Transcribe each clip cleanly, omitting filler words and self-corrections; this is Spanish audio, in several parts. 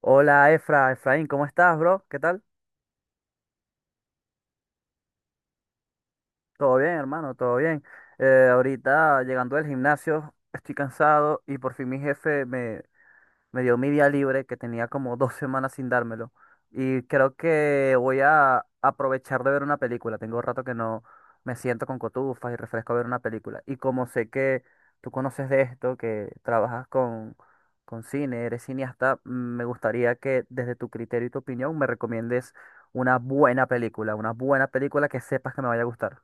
Hola Efra, Efraín, ¿cómo estás, bro? ¿Qué tal? Todo bien, hermano, todo bien. Ahorita llegando del gimnasio, estoy cansado y por fin mi jefe me dio mi día libre que tenía como dos semanas sin dármelo. Y creo que voy a aprovechar de ver una película. Tengo rato que no me siento con cotufas y refresco a ver una película. Y como sé que tú conoces de esto, que con cine, eres cineasta, me gustaría que desde tu criterio y tu opinión me recomiendes una buena película que sepas que me vaya a gustar.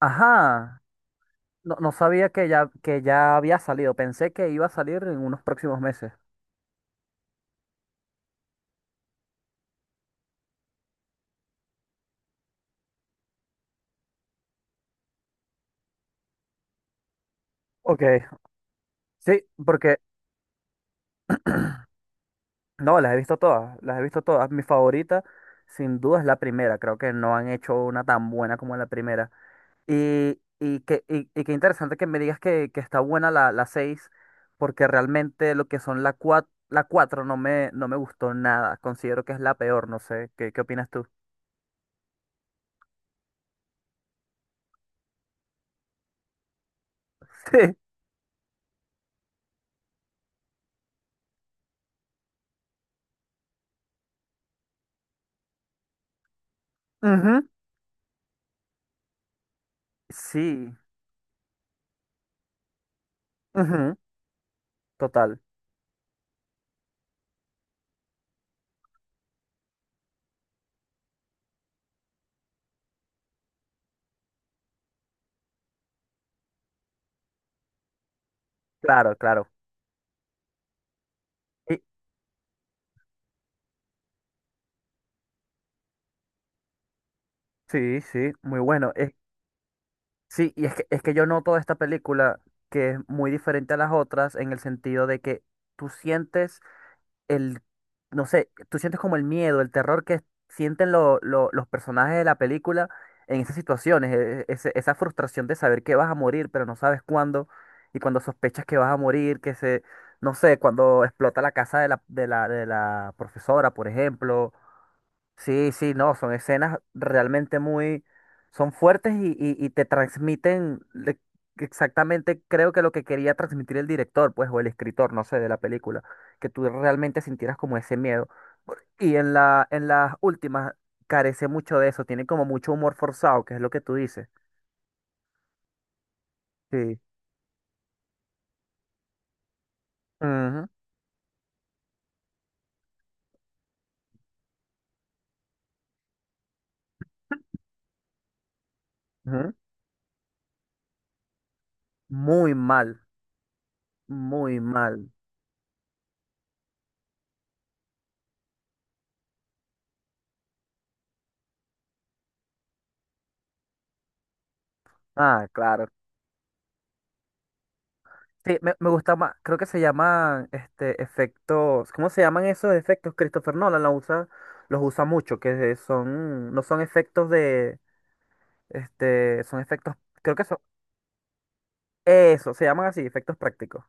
Ajá, no, no sabía que ya había salido. Pensé que iba a salir en unos próximos meses. Ok. Sí, porque no, las he visto todas, las he visto todas. Mi favorita, sin duda, es la primera. Creo que no han hecho una tan buena como la primera. Y qué interesante que me digas que está buena la 6, porque realmente lo que son la 4 no no me gustó nada. Considero que es la peor, no sé, qué opinas tú? Sí, ujú, sí, ujú, total, claro, claro. Y- sí, sí, muy bueno. Sí, y es es que yo noto esta película que es muy diferente a las otras en el sentido de que tú sientes el, no sé, tú sientes como el miedo, el terror que sienten los personajes de la película en esas situaciones, esa frustración de saber que vas a morir, pero no sabes cuándo, y cuando sospechas que vas a morir, no sé, cuando explota la casa de la profesora, por ejemplo. Sí, sí, no, son escenas realmente muy, son fuertes y te transmiten exactamente, creo que lo que quería transmitir el director, pues, o el escritor, no sé, de la película, que tú realmente sintieras como ese miedo. Y en en las últimas carece mucho de eso, tiene como mucho humor forzado, que es lo que tú dices. Sí. Ujú, ujú. Muy mal, muy mal. Ah, claro. Sí, me gusta más, creo que se llaman este efectos, ¿cómo se llaman esos efectos? Christopher Nolan los usa mucho, que son, no son efectos de, este, son efectos, creo que son, eso, se llaman así, efectos prácticos.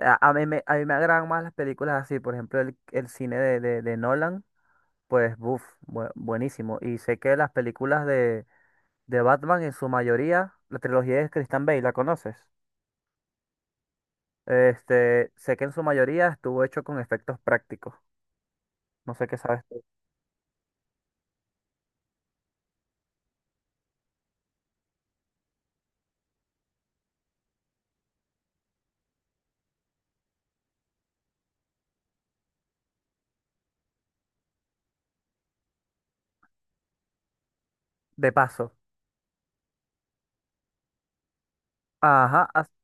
A mí me agradan más las películas así, por ejemplo, el cine de Nolan, pues, buf, buenísimo. Y sé que las películas de Batman en su mayoría, la trilogía de Christian Bale, ¿la conoces? Este, sé que en su mayoría estuvo hecho con efectos prácticos. No sé qué sabes tú. De paso. Ajá.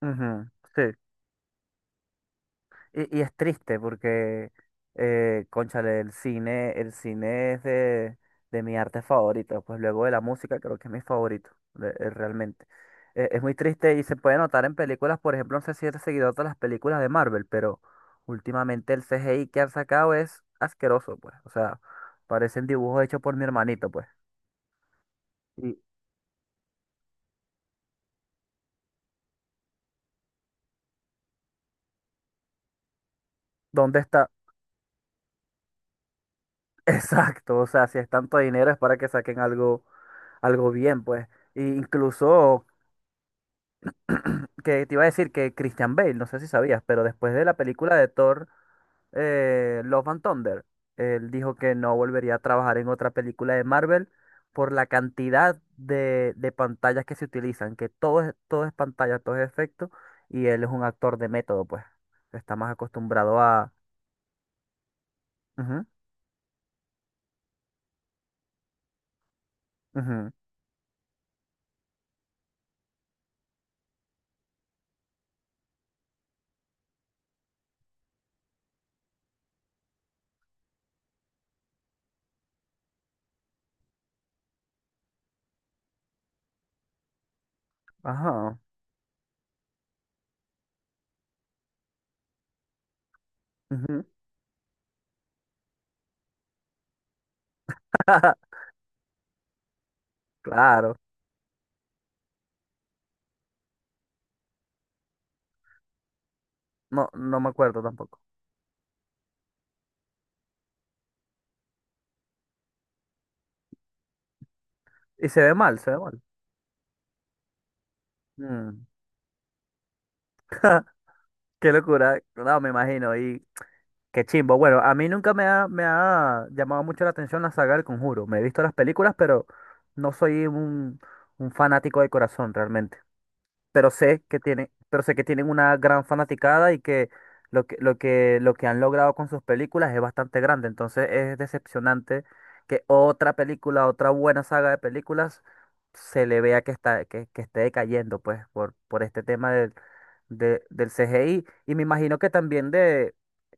Ujú, sí. Y es triste porque, cónchale, el cine es de mi arte favorito. Pues luego de la música creo que es mi favorito, realmente. Es muy triste y se puede notar en películas, por ejemplo, no sé si eres seguidor de las películas de Marvel, pero últimamente el CGI que han sacado es asqueroso, pues. O sea, parecen dibujos hechos por mi hermanito, pues. ¿Y dónde está? Exacto, o sea, si es tanto dinero es para que saquen algo, algo bien, pues. E incluso que te iba a decir que Christian Bale, no sé si sabías, pero después de la película de Thor, Love and Thunder, él dijo que no volvería a trabajar en otra película de Marvel por la cantidad de pantallas que se utilizan, que todo es pantalla, todo es efecto, y él es un actor de método, pues. Está más acostumbrado a... Ujú, ujú, ajá, ujú, claro. No, no me acuerdo tampoco. Y se ve mal, se ve mal. Mm. Qué locura. No, me imagino. Y qué chimbo. Bueno, a mí nunca me ha llamado mucho la atención la saga del Conjuro. Me he visto las películas, pero no soy un fanático de corazón realmente. Pero sé que tienen, pero sé que tienen una gran fanaticada y que lo lo que han logrado con sus películas es bastante grande. Entonces es decepcionante que otra película, otra buena saga de películas, se le vea que está, que esté decayendo, pues, por este tema del CGI. Y me imagino que también de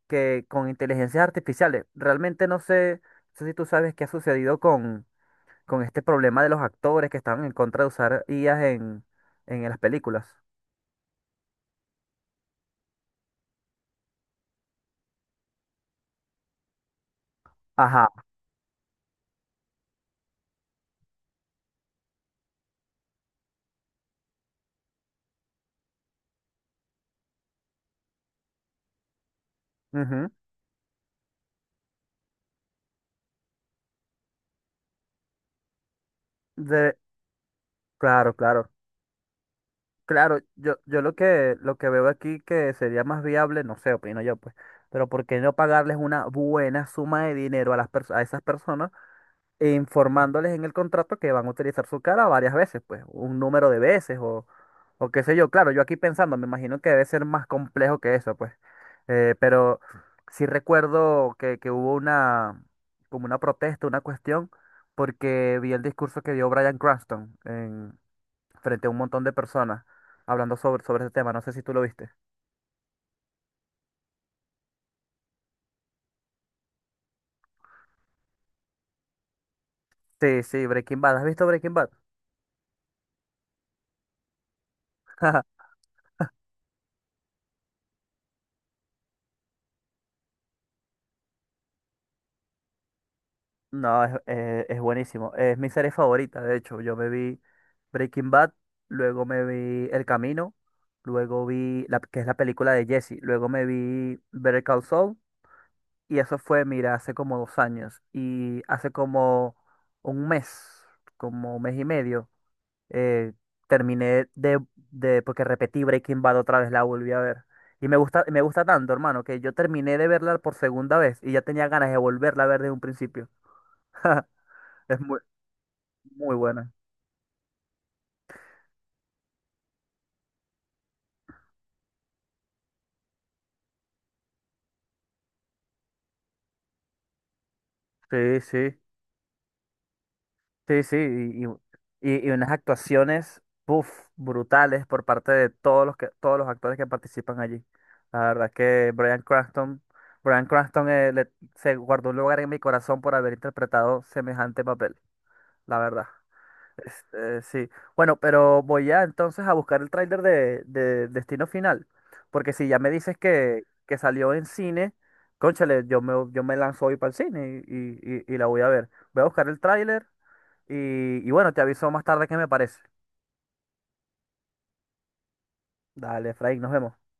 que con inteligencias artificiales. Realmente no sé, no sé si tú sabes qué ha sucedido con este problema de los actores que estaban en contra de usar IAs en las películas. Ajá. Ujú. De, claro, claro. Claro, yo lo lo que veo aquí que sería más viable, no sé, opino yo, pues, pero ¿por qué no pagarles una buena suma de dinero a a esas personas? E informándoles en el contrato que van a utilizar su cara varias veces, pues un número de veces o qué sé yo. Claro, yo aquí pensando, me imagino que debe ser más complejo que eso, pues. Pero sí recuerdo que hubo una, como una protesta, una cuestión, porque vi el discurso que dio Bryan Cranston frente a un montón de personas hablando sobre, sobre ese tema. No sé si tú lo viste. Sí, sí, Breaking Bad. ¿Has visto Breaking Bad? No, es buenísimo. Es mi serie favorita, de hecho. Yo me vi Breaking Bad, luego me vi El Camino, luego que es la película de Jesse, luego me vi Better Call Saul, y eso fue, mira, hace como dos años. Y hace un mes, como un mes y medio, eh, terminé porque repetí Breaking Bad otra vez, la volví a ver. Y me gusta tanto, hermano, que yo terminé de verla por segunda vez y ya tenía ganas de volverla a ver desde un principio. Es muy, muy buena. Sí, sí, sí, sí. Y, y unas actuaciones, puff, brutales por parte de todos los todos los actores que participan allí. La verdad que Bryan Bryan Cranston se guardó un lugar en mi corazón por haber interpretado semejante papel, la verdad. Este, sí. Bueno, pero voy ya entonces a buscar el tráiler de Destino Final. Porque si ya me dices que salió en cine, cónchale, yo me lanzo hoy para el cine y la voy a ver. Voy a buscar el tráiler y, y bueno, te aviso más tarde qué me parece. Dale, Efraín, nos vemos.